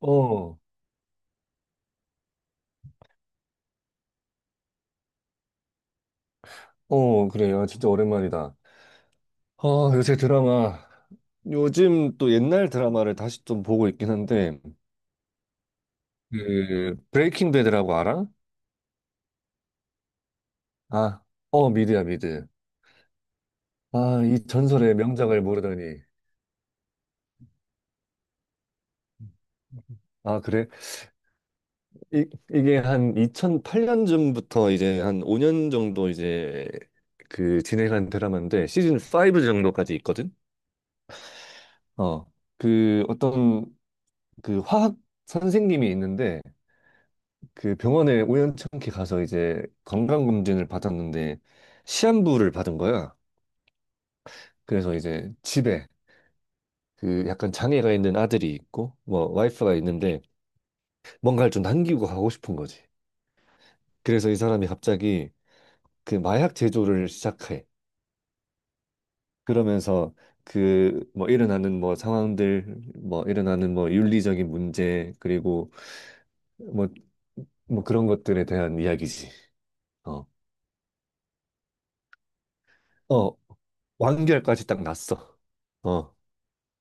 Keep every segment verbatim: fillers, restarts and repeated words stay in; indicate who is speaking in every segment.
Speaker 1: 어, 어, 그래요. 진짜 오랜만이다. 아, 요새 드라마. 요즘 또 옛날 드라마를 다시 좀 보고 있긴 한데, 그, 브레이킹 배드라고 알아? 아, 어, 미드야, 미드. 아, 이 전설의 명작을 모르다니. 아, 그래? 이, 이게 한 이천팔 년쯤부터 이제 한 오 년 정도 이제 그 진행한 드라마인데, 시즌 오 정도까지 있거든? 어, 그 어떤 그 화학 선생님이 있는데, 그 병원에 우연찮게 가서 이제 건강검진을 받았는데 시한부를 받은 거야. 그래서 이제 집에 그 약간 장애가 있는 아들이 있고 뭐 와이프가 있는데 뭔가를 좀 남기고 가고 싶은 거지. 그래서 이 사람이 갑자기 그 마약 제조를 시작해. 그러면서 그 뭐 일어나는 뭐 상황들 뭐 일어나는 뭐 윤리적인 문제 그리고 뭐 뭐 그런 것들에 대한 이야기지. 어. 어, 완결까지 딱 났어. 어,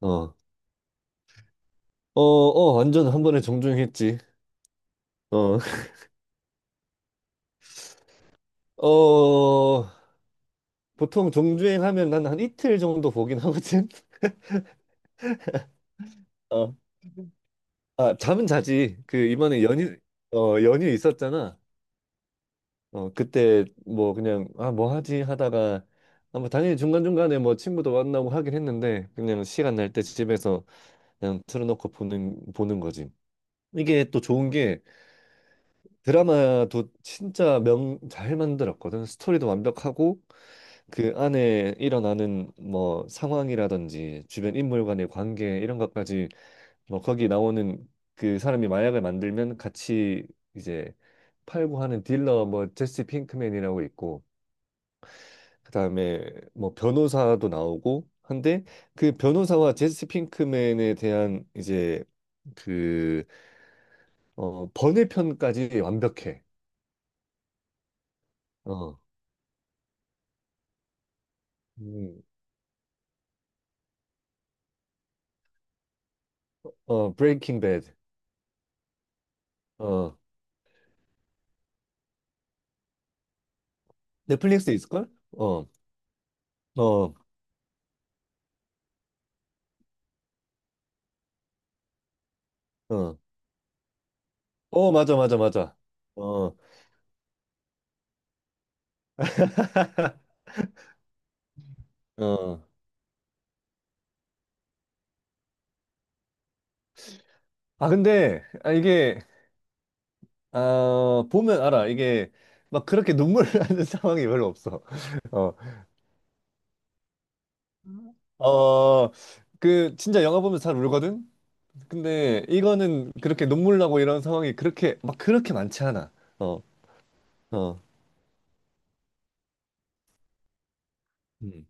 Speaker 1: 어. 어, 어, 완전 한 번에 정주행했지. 어, 어, 보통 정주행하면 난 한 이틀 정도 보긴 하거든. 어, 아, 잠은 자지. 그 이번에 연휴, 어, 연휴 있었잖아. 어, 그때 뭐 그냥 아, 뭐 하지 하다가 아, 뭐 당연히 중간중간에 뭐 친구도 만나고 하긴 했는데 그냥 시간 날때 집에서 그냥 틀어놓고 보는 보는 거지. 이게 또 좋은 게 드라마도 진짜 명 잘 만들었거든. 스토리도 완벽하고 그 안에 일어나는 뭐 상황이라든지 주변 인물 간의 관계 이런 것까지 뭐 거기 나오는 그 사람이 마약을 만들면 같이 이제 팔고 하는 딜러 뭐 제시 핑크맨이라고 있고 그다음에 뭐 변호사도 나오고 한데 그 변호사와 제시 핑크맨에 대한 이제 그 어 번외편까지 완벽해. 어. 음. 어 브레이킹 배드. 어. 넷플릭스 있을걸? 어. 어. 어. 어, 맞아, 맞아, 맞아. 어, 어. 아, 근데, 아, 이게, 아, 보면 알아. 이게, 막 그렇게 눈물 나는 상황이 별로 없어. 어, 어, 그, 진짜 영화 보면 잘 울거든? 근데 이거는 그렇게 눈물 나고 이런 상황이 그렇게, 막 그렇게 많지 않아. 어, 어, 음.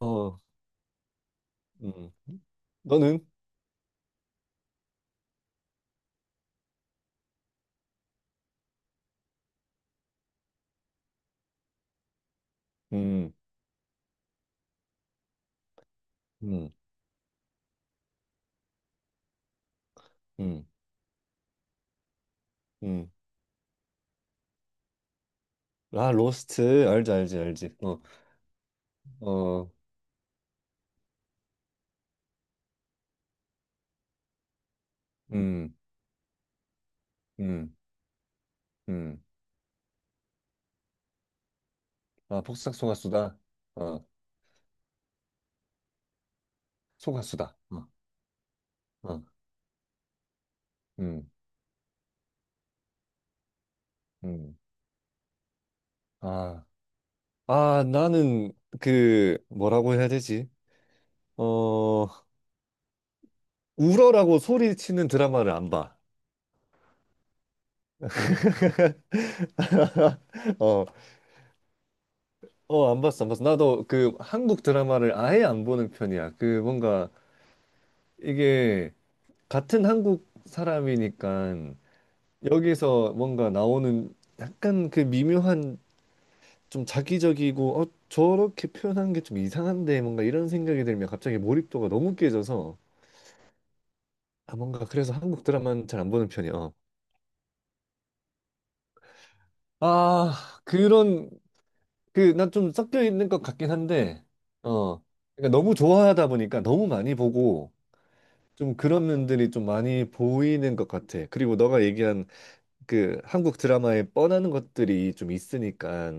Speaker 1: 어, 음. 너는? 음, 음, 음, 음. 아, 로스트. 알지, 알지, 알지. 어, 어, 음, 음, 음. 아, 폭싹 소가수다. 어, 소가수다. 어, 어, 음, 음. 아, 아, 나는 그 뭐라고 해야 되지? 어, 울어라고 소리치는 드라마를 안 봐. 어, 어, 안 봤어, 안 봤어. 나도 그 한국 드라마를 아예 안 보는 편이야. 그 뭔가 이게 같은 한국 사람이니까 여기서 뭔가 나오는 약간 그 미묘한 좀 자기적이고 어 저렇게 표현하는 게 좀 이상한데 뭔가 이런 생각이 들면 갑자기 몰입도가 너무 깨져서 아 뭔가 그래서 한국 드라마는 잘 안 보는 편이야. 아 그런 그 나 좀 섞여 있는 것 같긴 한데 어 그러니까 너무 좋아하다 보니까 너무 많이 보고 좀 그런 면들이 좀 많이 보이는 것 같아. 그리고 너가 얘기한 그 한국 드라마에 뻔하는 것들이 좀 있으니까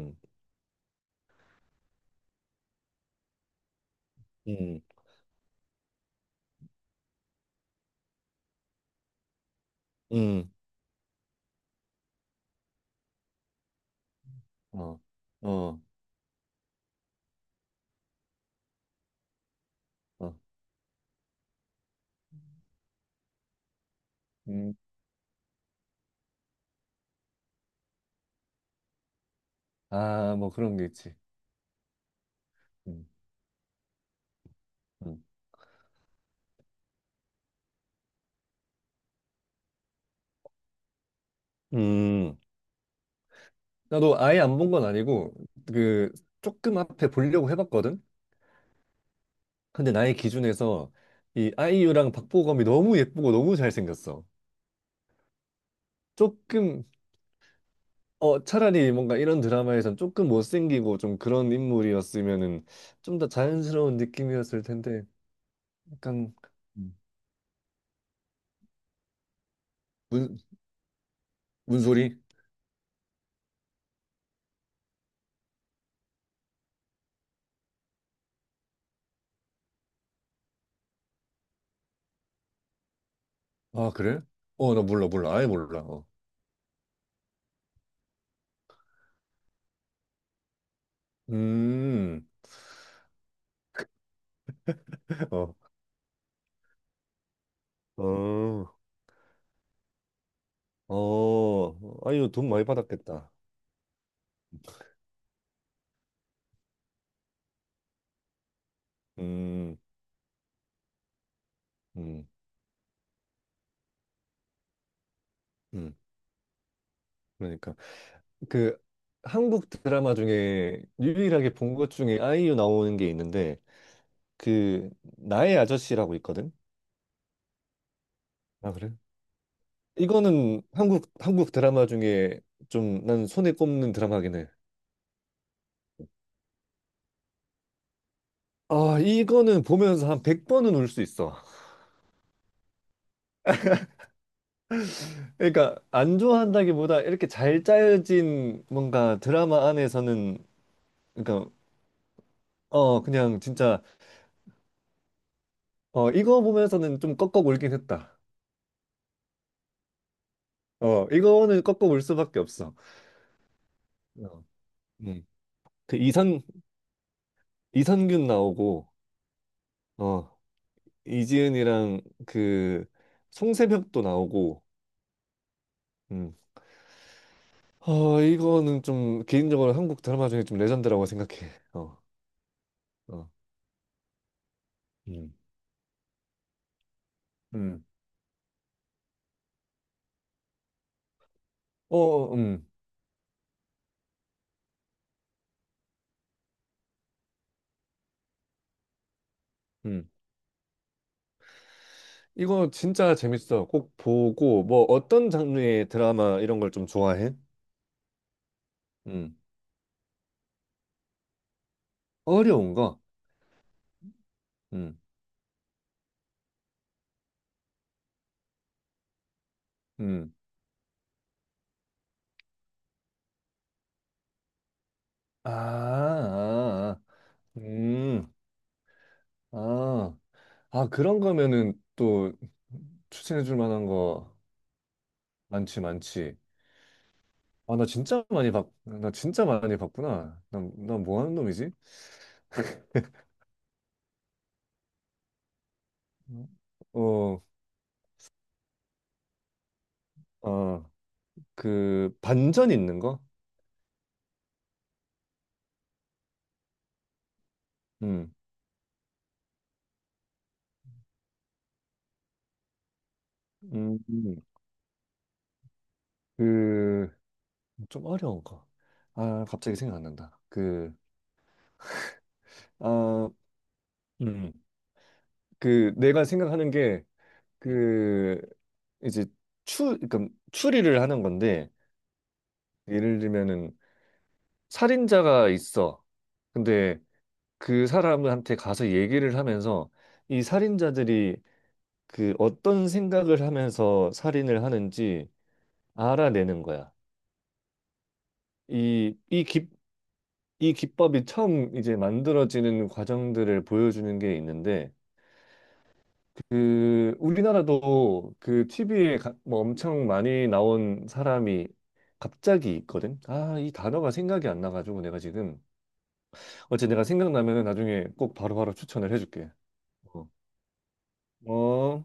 Speaker 1: 음 음 어 어 어 음 아 뭐 그런 게 있지. 음, 음. 음, 나도 아예 안 본 건 아니고, 그, 조금 앞에 보려고 해봤거든? 근데 나의 기준에서 이 아이유랑 박보검이 너무 예쁘고 너무 잘생겼어. 조금, 어, 차라리 뭔가 이런 드라마에선 조금 못생기고 좀 그런 인물이었으면은 좀 더 자연스러운 느낌이었을 텐데, 약간, 문, 문소리? 아, 그래? 어, 나 몰라, 몰라. 아예 몰라. 어. 음, 어, 어, 어, 아이유 돈 많이 받았겠다. 음. 음. 음, 그러니까 그 한국 드라마 중에 유일하게 본 것 중에 아이유 나오는 게 있는데 그 나의 아저씨라고 있거든. 아 그래? 이거는 한국 한국 드라마 중에 좀 난 손에 꼽는 드라마긴 해. 아 이거는 보면서 한 백 번은 울 수 있어. 그러니까 안 좋아한다기보다 이렇게 잘 짜여진 뭔가 드라마 안에서는 그러니까 어 그냥 진짜 어 이거 보면서는 좀 꺾어 울긴 했다. 어 이거는 꺾어 울 수밖에 없어. 어. 네. 그 이선 이선균 나오고 어 이지은이랑 그 송새벽도 나오고 음. 어 이거는 좀 개인적으로 한국 드라마 중에 좀 레전드라고 생각해. 어. 어. 음. 음. 어, 음. 음. 이거 진짜 재밌어. 꼭 보고 뭐 어떤 장르의 드라마 이런 걸 좀 좋아해? 음. 어려운 거. 음. 음. 아. 아. 아. 음. 아. 아, 그런 거면은 또 추천해 줄 만한 거 많지, 많지. 아, 나 진짜 많이 봤, 나 진짜 많이 봤구나. 난, 난뭐 하는 놈이지? 어, 아, 그, 반전 있는 거? 음, 음, 음. 그, 좀 어려운가? 아, 갑자기 생각 안 난다. 그, 아, 음, 그, 내가 생각하는 게, 그, 이제 추, 그러니까 추리를 하는 건데, 예를 들면은, 살인자가 있어. 근데 그 사람한테 가서 얘기를 하면서 이 살인자들이 그 어떤 생각을 하면서 살인을 하는지 알아내는 거야. 이, 이 기, 이 기법이 처음 이제 만들어지는 과정들을 보여주는 게 있는데 그 우리나라도 그 티비에 뭐 엄청 많이 나온 사람이 갑자기 있거든. 아, 이 단어가 생각이 안 나가지고 내가 지금 어째 내가 생각나면은 나중에 꼭 바로바로 추천을 해줄게. 어. 어.